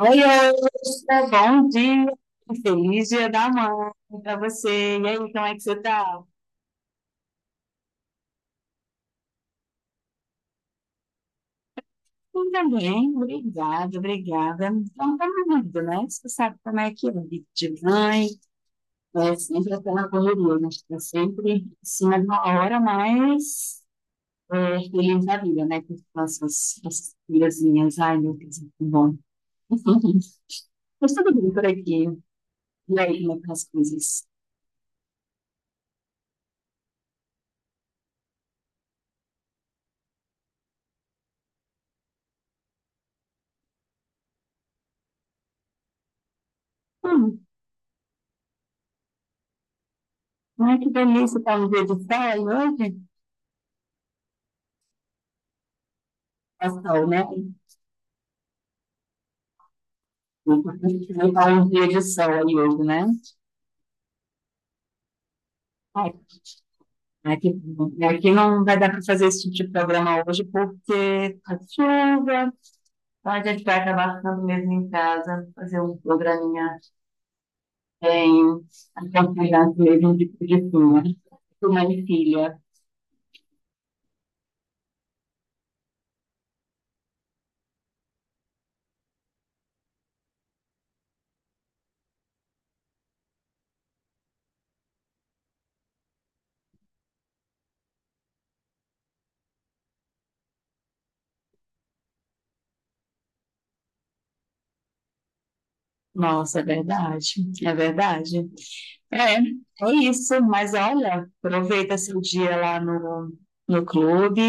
Oi, Elsa, bom dia. Feliz Dia da Mãe para você. E aí, como é que você tá? Eu também, obrigada, obrigada. Então, tá lindo, né? Você sabe como é que é, vida de mãe, é sempre aquela correria, né? Tá sempre em cima de uma hora, mas é, feliz da vida, né? Com essas filhazinhas. Ai, meu Deus, que bom. Enfim, mas tudo bem por aqui. E aí, como é que tá as coisas? Hum, ai, que delícia, tá um dia de praia hoje? Ação, né? Porque a gente vai para um dia de ação aí hoje, né? Ai, Aqui, aqui não vai dar para fazer esse tipo de programa hoje porque tá chuva, então a gente vai acabar ficando mesmo em casa, fazer um programinha em acompanhado mesmo de filme. Mãe e filha. Nossa, é verdade, é verdade. É, é isso, mas olha, aproveita seu dia lá no clube,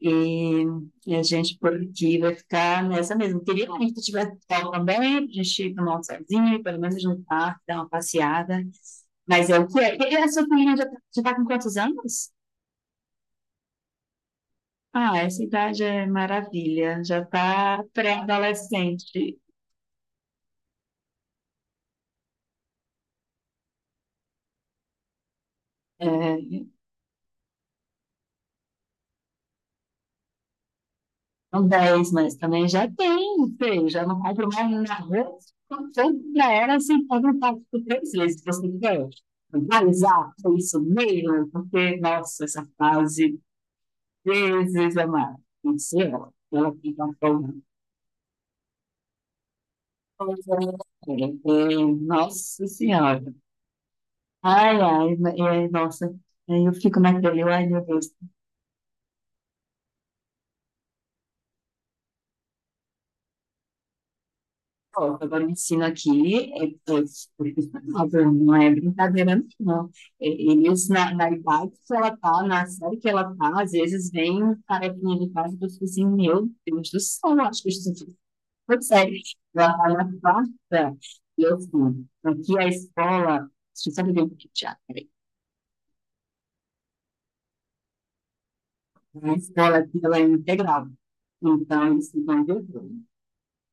E, e a gente por aqui vai ficar nessa mesmo. Queria muito que tivesse sol também, a gente tomar um solzinho, pelo menos jantar, dar uma passeada. Mas é o que é. E a sua filhinha já tá com quantos anos? Ah, essa idade é maravilha. Já tá pré-adolescente. É, não 10 mas também já tem, feio. Já não compro mais na rua. Tanto pra ela, assim, pode não pagar por três vezes, se você quiser. Vai usar isso mesmo, porque, nossa, essa fase Jesus amado, Senhor, ela fica falando. Nossa Senhora. E nossa. Eu fico naquele, ai, meu Deus. Ó, agora o ensino aqui é profissional, não é brincadeira, não. É, eles, na idade que ela tá, na série que ela tá, às vezes vem um carequinha de casa e eu fico assim, meu Deus do céu, eu acho que isso. Pois é, ela na quarta, e eu fui. Aqui é a escola, deixa eu só ver um pouquinho de teatro, peraí. A escola aqui, ela é integral. Então, eles ficam de turno.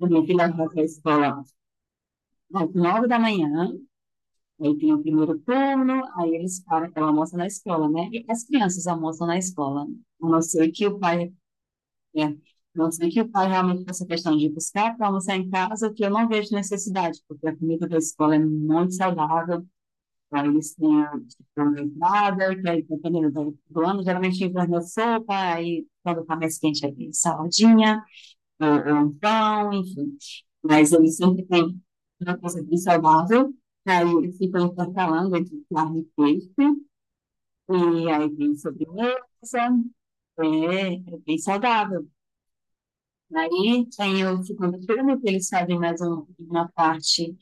A minha filha vai para a escola às nove da manhã, aí tem o primeiro turno, aí eles param, ela almoça na escola, né? E as crianças almoçam na escola. A não ser que o pai, a não ser que o pai realmente faça questão de buscar para almoçar em casa, que eu não vejo necessidade, porque a comida da escola é muito saudável. Aí eles têm a uma entrada, que aí, dependendo do ano, geralmente enverna sopa, aí quando tá mais quente, aí saladinha, ou um pão, enfim. Mas eles sempre têm uma coisa bem saudável, aí eles ficam intercalando entre carne e peixe, e aí tem sobremesa, é, é bem saudável. Aí tem o segundo turno, que eles fazem mais uma parte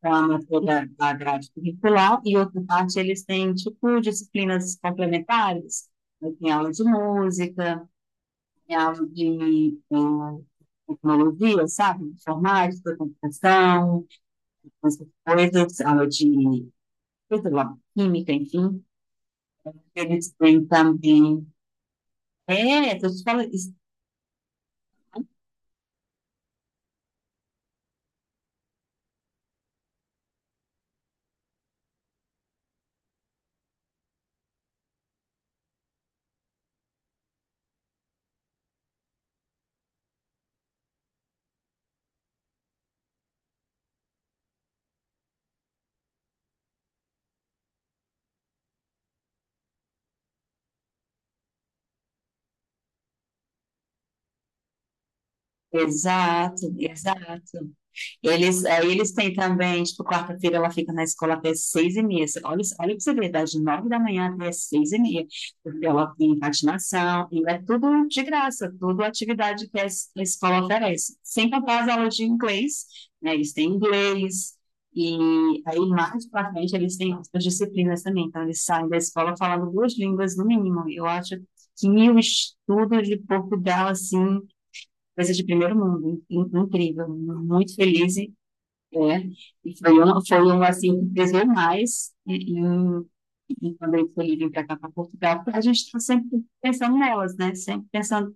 para a matéria da grade curricular, e outra parte eles têm, tipo, disciplinas complementares. Aí tem aula de música, tem aula de tecnologia, sabe? Informática, computação, essas coisas, aula de, sei lá, química, enfim. Eles têm também. É, estou te falando. Exato, exato. Eles, aí eles têm também, tipo, quarta-feira ela fica na escola até seis e meia. Você- Olha, isso- olha pra você ver, das nove da manhã até seis e meia. Porque ela tem patinação, e é tudo de graça, tudo atividade que a escola oferece. Sem contar as aulas de inglês, né? Eles têm inglês, e aí mais pra frente eles têm outras disciplinas também. Então eles saem da escola falando duas línguas no mínimo. Eu acho que o estudo de Portugal, assim, coisa de primeiro mundo, incrível. Muito feliz é, e foi um assim que pesou mais e quando ele foi vir para cá, para Portugal, porque a gente está sempre pensando nelas, né? Sempre pensando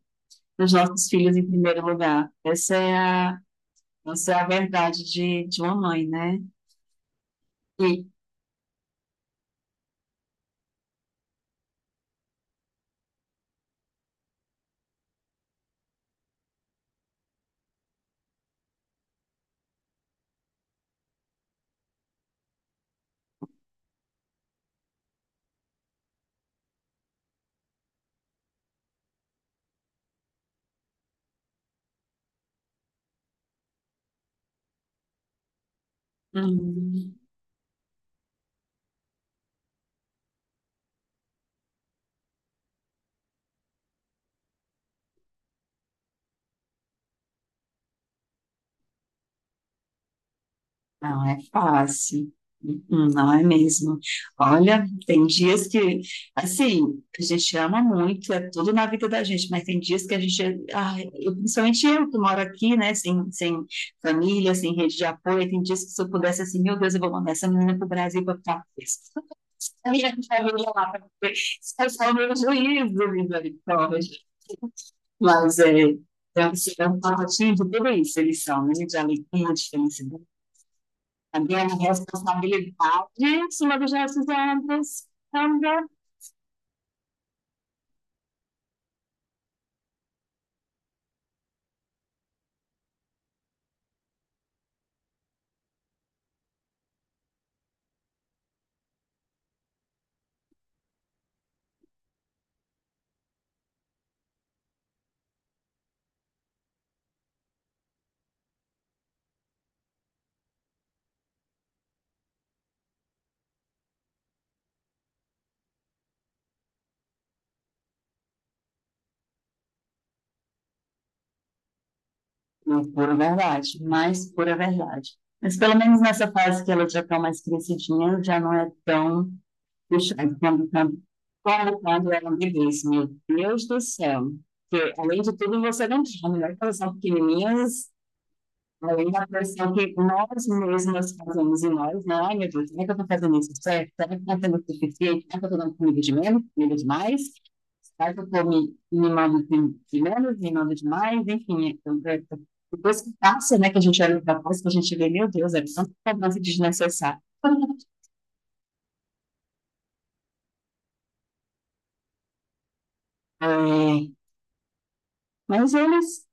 nos nossos filhos em primeiro lugar. Essa é a verdade de uma mãe, né? E, hum, não é fácil. Uhum, não é mesmo. Olha, tem dias que, assim, a gente ama muito, é tudo na vida da gente, mas tem dias que a gente, ai, principalmente eu que moro aqui, né, sem família, sem rede de apoio, tem dias que se eu pudesse, assim, meu Deus, eu vou mandar essa menina pro Brasil para ficar presa. A minha família lá, pra ver se é só o meu juízo, misericórdia. Mas é um é um pacotinho de tudo isso, eles são, né, de alegria, de felicidade, a grande responsabilidade sobre os nossos ombros também. Não é pura verdade. Mas pelo menos nessa fase que ela já está mais crescidinha, já não é tão puxada quando ela me diz, meu Deus do céu, que além de tudo você não tem a melhor coração pequenininhas, além da pressão que nós mesmas fazemos em nós, né? Ai, meu Deus, como é que eu estou fazendo isso certo? Será que eu estou sendo o suficiente? Será que eu estou dando comida de menos, comida demais? Mas eu tô me mimado de menos, mimado de enfim. Então, depois que passa, né, que a gente olha pra trás, que a gente vê, meu Deus, é tanta cobrança desnecessária. É, mas eles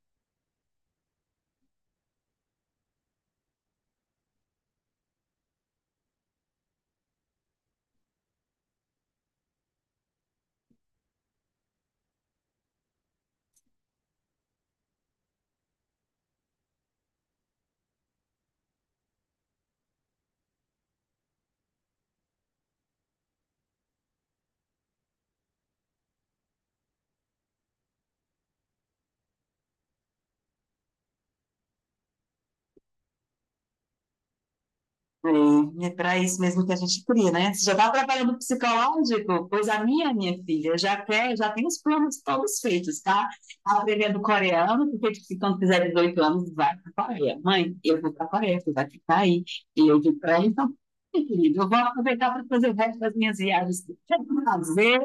é, é para isso mesmo que a gente cria, né? Você já está trabalhando psicológico? Pois a minha filha, já quer, já tem os planos todos feitos, tá? Tá aprendendo coreano, porque se quando fizer 18 anos, vai para a Coreia. Mãe, eu vou para a Coreia, tu vai ficar aí. E eu digo para ela, então, meu querido, eu vou aproveitar para fazer o resto das minhas viagens. Que eu quero fazer.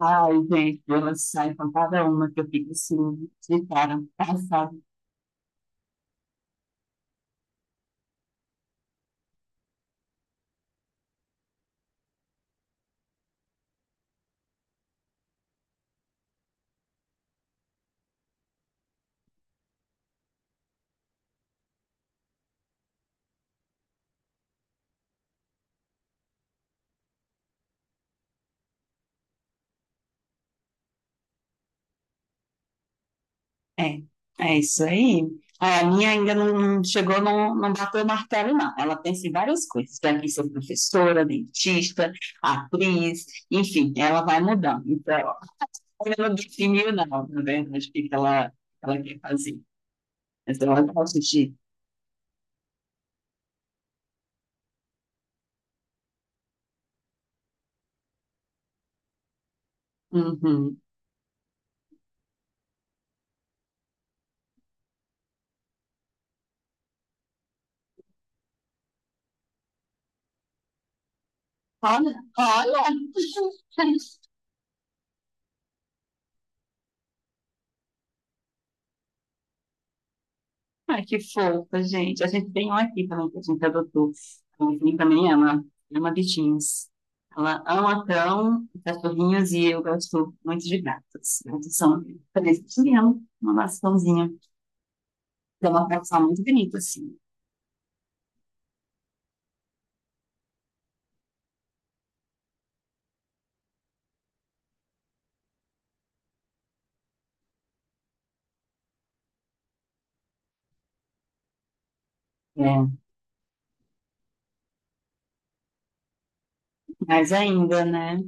Ai, gente, elas saem com cada uma que eu fico assim, de cara, passada. É, é isso aí. É, a minha ainda não, não chegou, não, não bateu o martelo, não. Ela pensa em várias coisas. Vai vir ser professora, dentista, atriz, enfim, ela vai mudando. Então, ela não definiu, não, na verdade, o que que ela quer fazer. Mas ela gosta de. Uhum. Olha, olha. Ai, que fofa, gente. A gente tem um aqui também que a gente adotou. A Anthony também ama, ama bichinhos. Ela ama cão, cachorrinhos e eu gosto muito de gatos. Gatos são presentes de uma maçãzinha. É uma coleção muito bonita, assim. É. Mas ainda, né?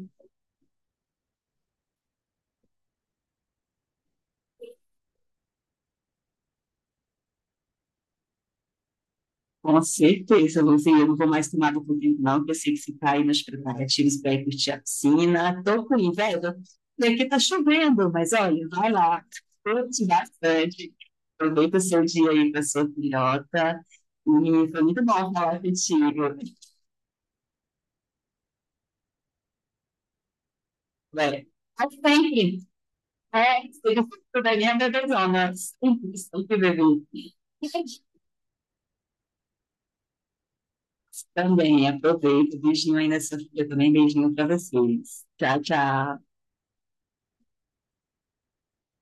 Com certeza, Luzinha, eu não vou mais tomar do tempo, não, porque eu sei que você está aí nos preparativos para ir curtir a piscina. Tô com inveja, e aqui tá chovendo, mas olha, vai lá, curte bastante, aproveita o seu dia aí com a sua filhota, e foi muito bom falar contigo. Vai. Até sempre, é, seja fruto da minha bebezona, sempre, sempre bebê. Também, aproveita, beijinho aí na sua filha também, beijinho para vocês. Tchau, tchau.